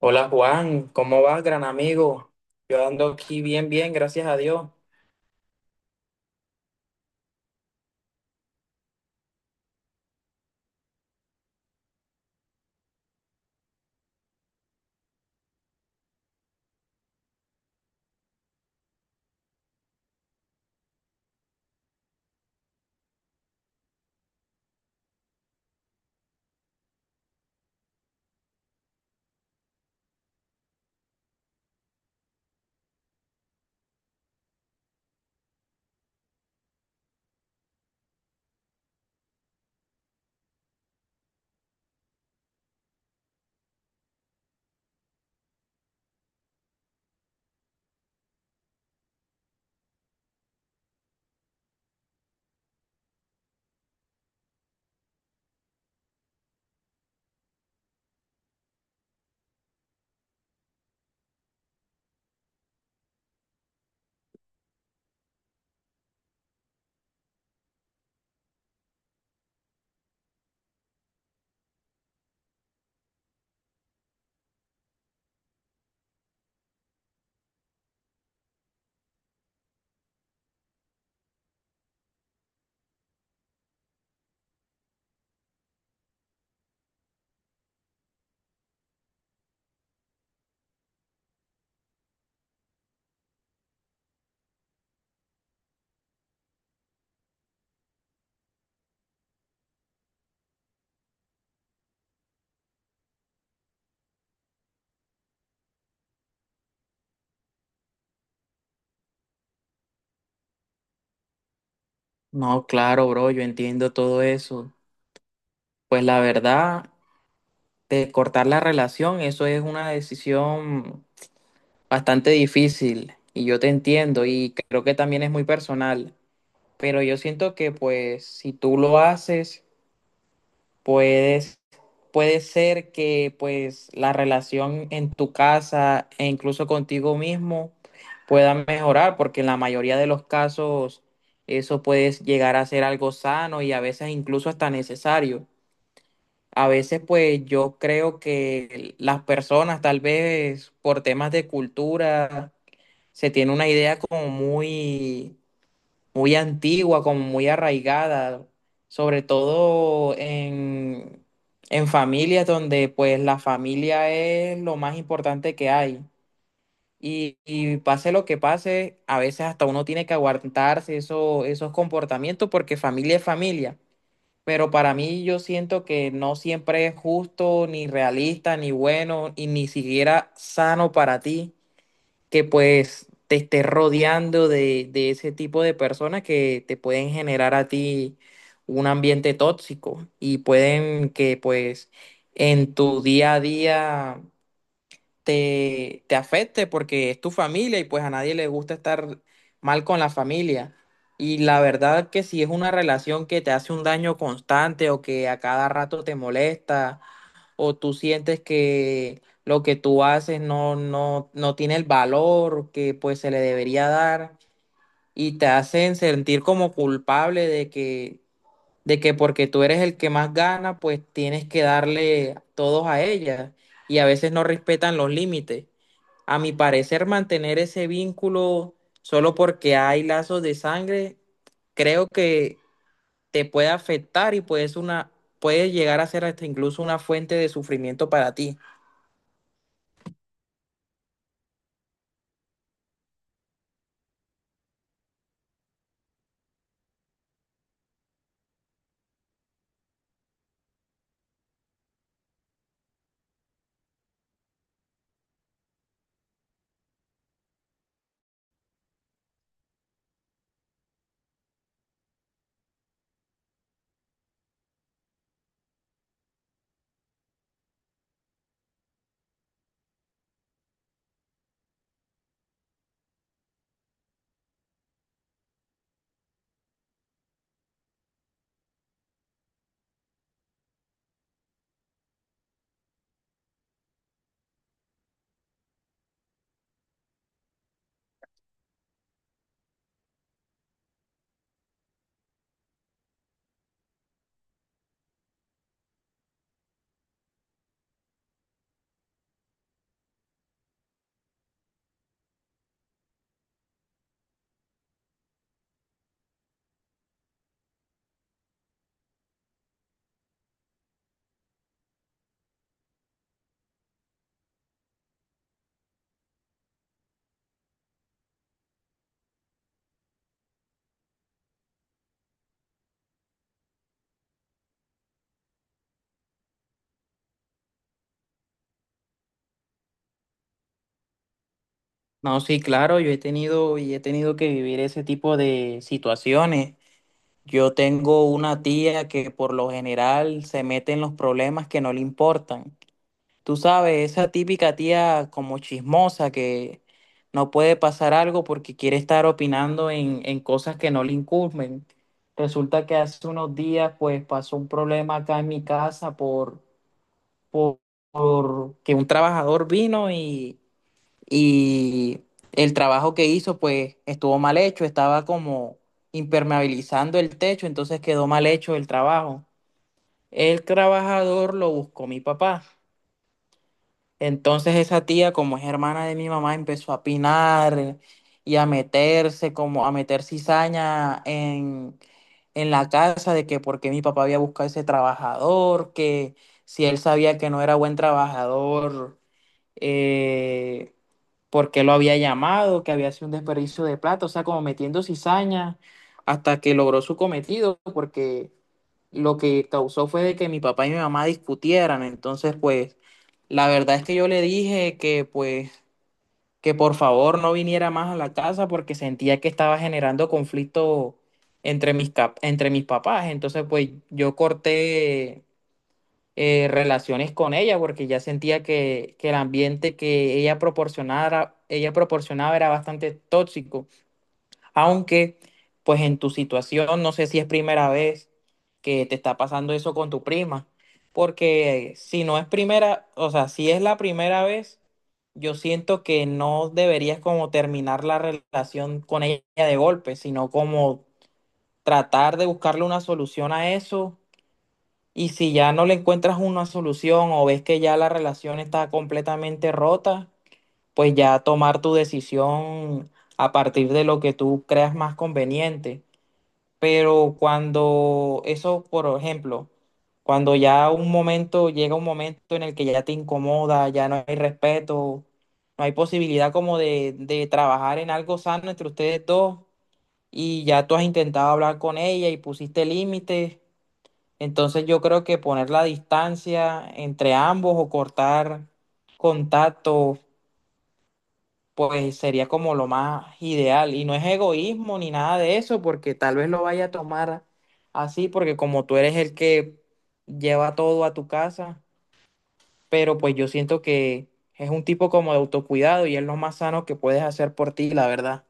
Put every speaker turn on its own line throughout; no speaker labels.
Hola Juan, ¿cómo vas, gran amigo? Yo ando aquí bien, bien, gracias a Dios. No, claro, bro, yo entiendo todo eso. Pues la verdad, de cortar la relación, eso es una decisión bastante difícil y yo te entiendo y creo que también es muy personal. Pero yo siento que pues si tú lo haces puedes, puede ser que pues la relación en tu casa e incluso contigo mismo pueda mejorar, porque en la mayoría de los casos eso puede llegar a ser algo sano y a veces incluso hasta necesario. A veces pues yo creo que las personas tal vez por temas de cultura se tiene una idea como muy antigua, como muy arraigada, sobre todo en familias donde pues la familia es lo más importante que hay. Y pase lo que pase, a veces hasta uno tiene que aguantarse esos comportamientos porque familia es familia. Pero para mí yo siento que no siempre es justo, ni realista, ni bueno, y ni siquiera sano para ti que pues te estés rodeando de ese tipo de personas que te pueden generar a ti un ambiente tóxico y pueden que pues en tu día a día te afecte porque es tu familia y pues a nadie le gusta estar mal con la familia. Y la verdad que si es una relación que te hace un daño constante o que a cada rato te molesta o tú sientes que lo que tú haces no tiene el valor que pues se le debería dar y te hacen sentir como culpable de que porque tú eres el que más gana, pues tienes que darle todos a ella y a veces no respetan los límites. A mi parecer, mantener ese vínculo solo porque hay lazos de sangre, creo que te puede afectar y puede ser una, puede llegar a ser hasta incluso una fuente de sufrimiento para ti. No, sí, claro, yo he tenido y he tenido que vivir ese tipo de situaciones. Yo tengo una tía que por lo general se mete en los problemas que no le importan. Tú sabes, esa típica tía como chismosa que no puede pasar algo porque quiere estar opinando en cosas que no le incumben. Resulta que hace unos días pues pasó un problema acá en mi casa por, por que un trabajador vino y el trabajo que hizo pues estuvo mal hecho, estaba como impermeabilizando el techo, entonces quedó mal hecho el trabajo. El trabajador lo buscó mi papá. Entonces esa tía, como es hermana de mi mamá, empezó a pinar y a meterse, como a meter cizaña en la casa de que por qué mi papá había buscado ese trabajador, que si él sabía que no era buen trabajador, eh, por qué lo había llamado, que había sido un desperdicio de plata, o sea, como metiendo cizaña hasta que logró su cometido, porque lo que causó fue de que mi papá y mi mamá discutieran. Entonces, pues, la verdad es que yo le dije que, pues, que por favor no viniera más a la casa porque sentía que estaba generando conflicto entre mis, entre mis papás. Entonces, pues, yo corté relaciones con ella, porque ya sentía que el ambiente que ella proporcionara, ella proporcionaba era bastante tóxico. Aunque, pues en tu situación, no sé si es primera vez que te está pasando eso con tu prima, porque si no es primera, o sea, si es la primera vez, yo siento que no deberías como terminar la relación con ella de golpe, sino como tratar de buscarle una solución a eso y si ya no le encuentras una solución o ves que ya la relación está completamente rota, pues ya tomar tu decisión a partir de lo que tú creas más conveniente. Pero cuando eso, por ejemplo, cuando ya un momento llega un momento en el que ya te incomoda, ya no hay respeto, no hay posibilidad como de trabajar en algo sano entre ustedes dos y ya tú has intentado hablar con ella y pusiste límites, entonces yo creo que poner la distancia entre ambos o cortar contacto, pues sería como lo más ideal. Y no es egoísmo ni nada de eso, porque tal vez lo vaya a tomar así, porque como tú eres el que lleva todo a tu casa, pero pues yo siento que es un tipo como de autocuidado y es lo más sano que puedes hacer por ti, la verdad.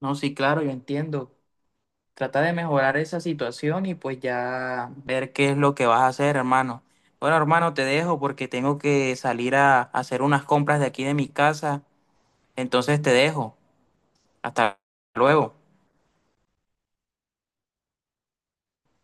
No, sí, claro, yo entiendo. Trata de mejorar esa situación y pues ya ver qué es lo que vas a hacer, hermano. Bueno, hermano, te dejo porque tengo que salir a hacer unas compras de aquí de mi casa. Entonces te dejo. Hasta luego.